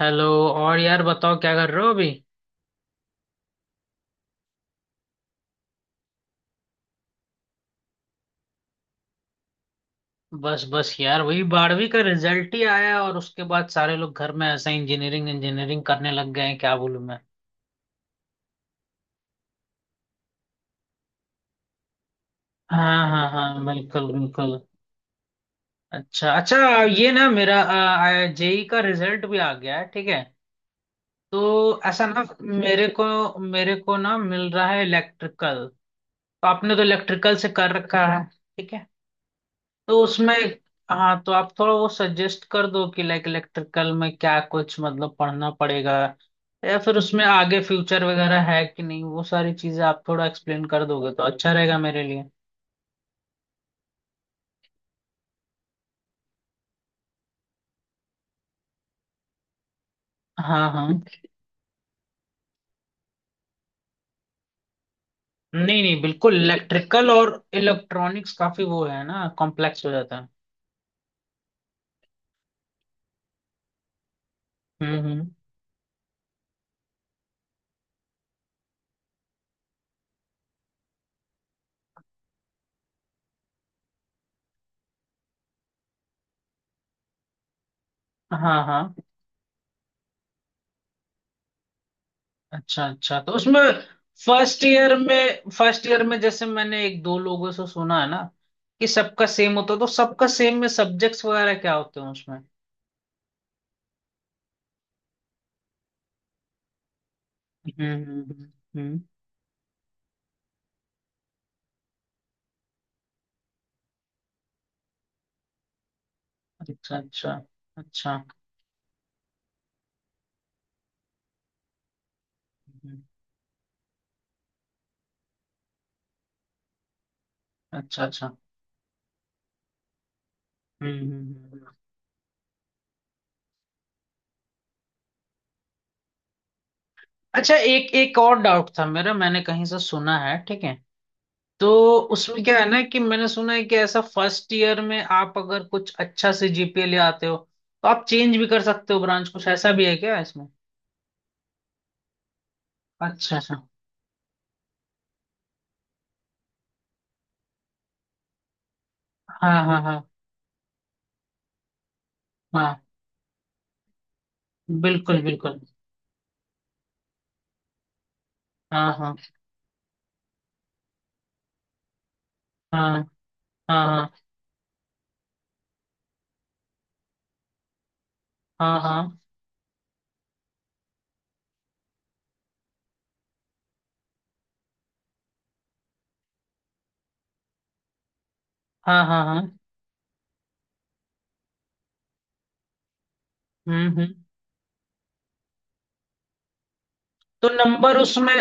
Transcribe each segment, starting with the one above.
Hello. और यार बताओ, क्या कर रहे हो अभी? बस बस यार, वही 12वीं का रिजल्ट ही आया और उसके बाद सारे लोग घर में ऐसा इंजीनियरिंग इंजीनियरिंग करने लग गए हैं। क्या बोलूं मैं। हाँ हाँ हाँ, बिल्कुल बिल्कुल। अच्छा अच्छा। ये ना, मेरा JEE का रिजल्ट भी आ गया है, ठीक है? तो ऐसा ना, मेरे को ना मिल रहा है इलेक्ट्रिकल। तो आपने तो इलेक्ट्रिकल से कर रखा है, ठीक है? तो उसमें, हाँ तो आप थोड़ा वो सजेस्ट कर दो कि लाइक इलेक्ट्रिकल में क्या कुछ मतलब पढ़ना पड़ेगा या फिर उसमें आगे फ्यूचर वगैरह है कि नहीं, वो सारी चीजें आप थोड़ा एक्सप्लेन कर दोगे तो अच्छा रहेगा मेरे लिए। हाँ हाँ। नहीं नहीं, बिल्कुल, इलेक्ट्रिकल और इलेक्ट्रॉनिक्स काफी वो है ना, कॉम्प्लेक्स हो जाता है। हम्म। हाँ हाँ। अच्छा अच्छा, तो उसमें फर्स्ट ईयर में जैसे मैंने एक दो लोगों से सुना है ना कि सबका सेम होता है, तो सबका सेम में सब्जेक्ट्स वगैरह क्या होते हैं उसमें? हम्म हम्म हम्म, अच्छा अच्छा अच्छा। हम्म, अच्छा अच्छा। हम्म हम्म, हम्म। अच्छा, एक एक और डाउट था मेरा। मैंने कहीं से सुना है, ठीक है? तो उसमें क्या है ना, कि मैंने सुना है कि ऐसा फर्स्ट ईयर में आप अगर कुछ अच्छा से GPA ले आते हो तो आप चेंज भी कर सकते हो ब्रांच, कुछ ऐसा भी है क्या इसमें? अच्छा अच्छा। हाँ हाँ हाँ हाँ, बिल्कुल बिल्कुल। हाँ हाँ हाँ हाँ हाँ हाँ हाँ हाँ हाँ हाँ, हम्म। तो नंबर उसमें,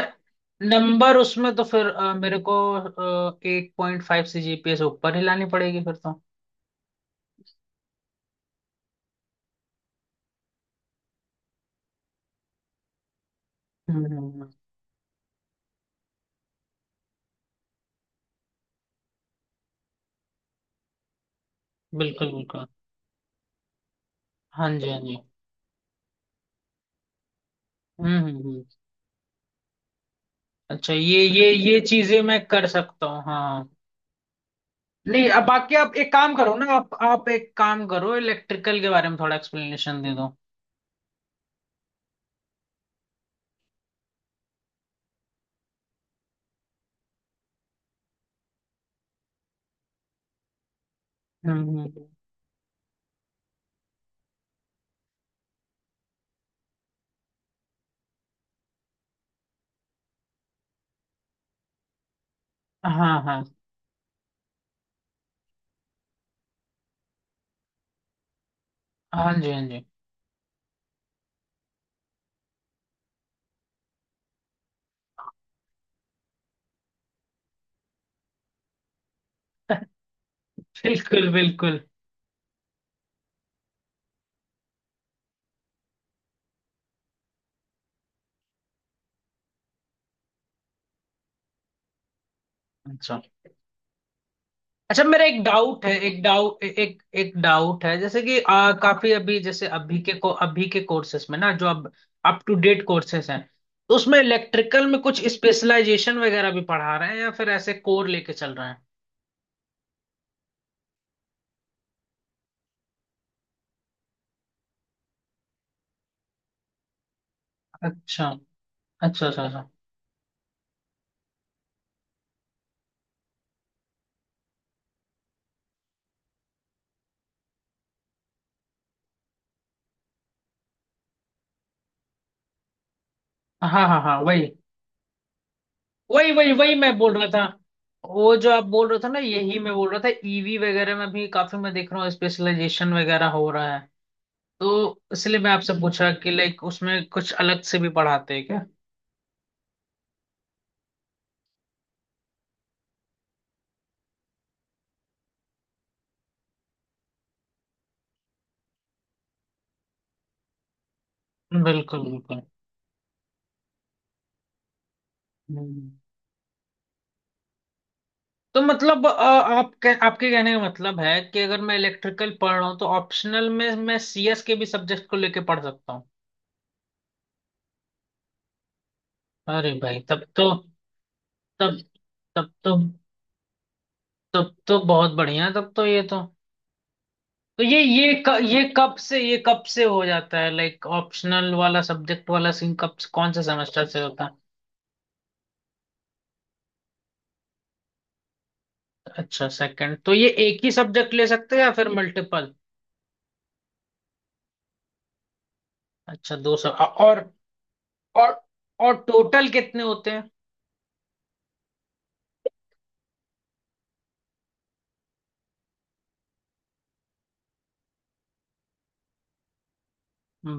तो फिर मेरे को 8.5 से GPA से ऊपर ही लानी पड़ेगी फिर तो। हम्म हम्म, हम्म, बिल्कुल बिल्कुल। हाँ जी हाँ जी। हम्म हम्म हम्म। अच्छा, ये चीजें मैं कर सकता हूँ हाँ। नहीं, अब बाकी आप एक काम करो ना, आप एक काम करो, इलेक्ट्रिकल के बारे में थोड़ा एक्सप्लेनेशन दे दो। हम्म हम्म, हाँ हाँ। हाँ जी हाँ जी। बिल्कुल बिल्कुल। अच्छा अच्छा, मेरा एक डाउट है, जैसे कि काफी अभी जैसे अभी के कोर्सेस में ना, जो अब अप टू डेट कोर्सेस हैं, तो उसमें इलेक्ट्रिकल में कुछ स्पेशलाइजेशन वगैरह भी पढ़ा रहे हैं या फिर ऐसे कोर लेके चल रहे हैं? अच्छा अच्छा अच्छा अच्छा। हाँ हाँ हाँ, वही वही वही वही मैं बोल रहा था। वो जो आप बोल रहे थे ना, यही मैं बोल रहा था। EV वगैरह में भी काफी मैं देख रहा हूँ स्पेशलाइजेशन वगैरह हो रहा है, तो इसलिए मैं आपसे पूछा कि लाइक उसमें कुछ अलग से भी पढ़ाते हैं क्या? बिल्कुल बिल्कुल। हम्म। तो मतलब आपके कहने का मतलब है कि अगर मैं इलेक्ट्रिकल पढ़ रहा हूँ तो ऑप्शनल में मैं CS के भी सब्जेक्ट को लेके पढ़ सकता हूँ। अरे भाई, तब तब तो तब तो बहुत बढ़िया है। तब तो ये क, ये कब से हो जाता है लाइक ऑप्शनल वाला सब्जेक्ट वाला सीन, कौन से सेमेस्टर से होता है? अच्छा सेकंड। तो ये एक ही सब्जेक्ट ले सकते हैं या फिर मल्टीपल? अच्छा, दो सब। और और टोटल कितने होते हैं?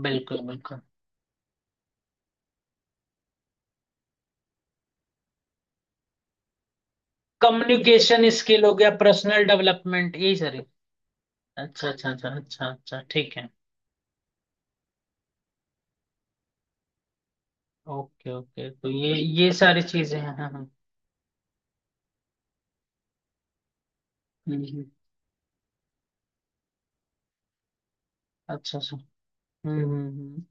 बिल्कुल बिल्कुल। कम्युनिकेशन स्किल हो गया, पर्सनल डेवलपमेंट, यही सारी। अच्छा अच्छा अच्छा अच्छा अच्छा, ठीक है। ओके ओके, तो ये सारी चीजें हैं, हाँ हाँ। हम्म, हम्म, अच्छा अच्छा, हम्म हम्म हम्म।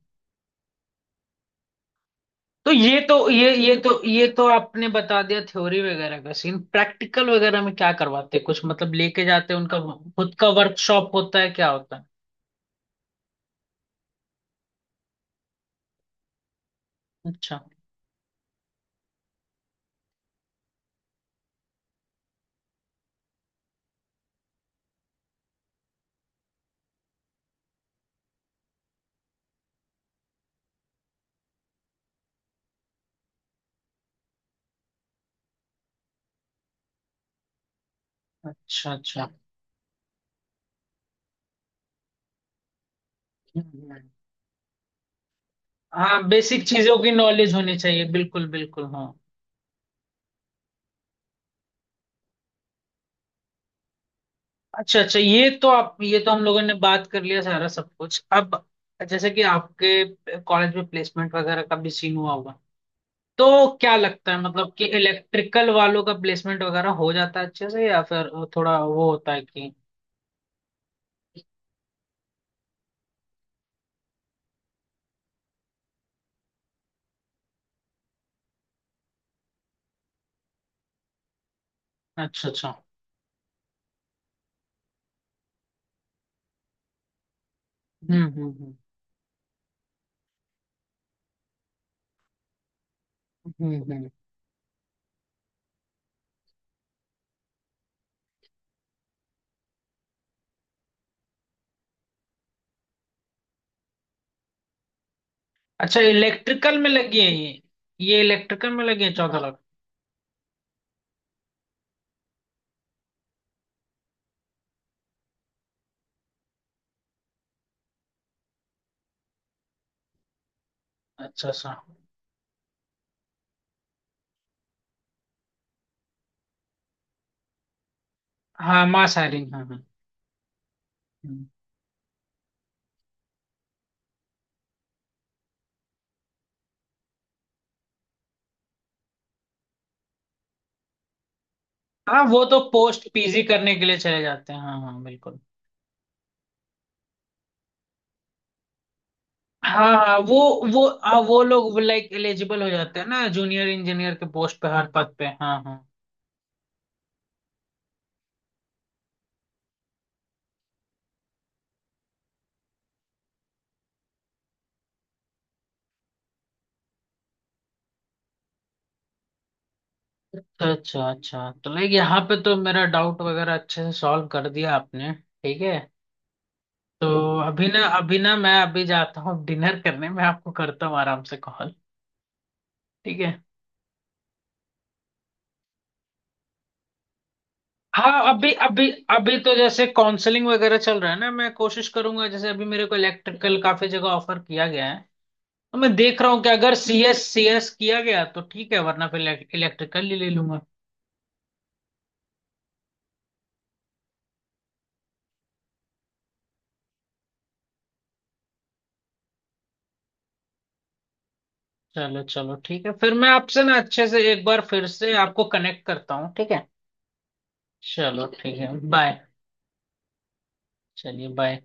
तो ये तो ये तो आपने बता दिया थ्योरी वगैरह का सीन। प्रैक्टिकल वगैरह में क्या करवाते हैं, कुछ मतलब लेके जाते हैं, उनका खुद का वर्कशॉप होता है, क्या होता है? अच्छा अच्छा अच्छा। हम्म। हाँ, बेसिक चीजों की नॉलेज होनी चाहिए, बिल्कुल बिल्कुल हाँ। अच्छा अच्छा, ये तो हम लोगों ने बात कर लिया सारा सब कुछ। अब, जैसे कि आपके कॉलेज में प्लेसमेंट वगैरह का भी सीन हुआ होगा, तो क्या लगता है मतलब कि इलेक्ट्रिकल वालों का प्लेसमेंट वगैरह हो जाता है अच्छे से, या फिर वो थोड़ा वो होता है कि। अच्छा अच्छा, हम्म हम्म हम्म हम्म हम्म। अच्छा इलेक्ट्रिकल में लगी है ये? ये इलेक्ट्रिकल में लगी है 14 लाख? अच्छा अच्छा। हाँ मास हायरिंग, हाँ हाँ। हम्म। हाँ वो तो पोस्ट PG करने के लिए चले जाते हैं, हाँ हाँ बिल्कुल। हाँ हाँ, वो हाँ, वो लोग लाइक एलिजिबल हो जाते हैं ना जूनियर इंजीनियर के पोस्ट पे, हर पद पे, हाँ हाँ। अच्छा अच्छा अच्छा, तो लाइक यहाँ पे तो मेरा डाउट वगैरह अच्छे से सॉल्व कर दिया आपने, ठीक है? तो अभी ना, मैं अभी जाता हूँ डिनर करने। मैं आपको करता हूँ आराम से कॉल, ठीक है? हाँ अभी अभी अभी तो जैसे काउंसलिंग वगैरह चल रहा है ना, मैं कोशिश करूंगा। जैसे अभी मेरे को इलेक्ट्रिकल काफी जगह ऑफर किया गया है, तो मैं देख रहा हूँ कि अगर सी एस किया गया तो ठीक है, वरना फिर इलेक्ट्रिकल ही ले लूंगा। चलो चलो ठीक है, फिर मैं आपसे ना अच्छे से एक बार फिर से आपको कनेक्ट करता हूँ, ठीक है? चलो ठीक है, बाय। चलिए बाय।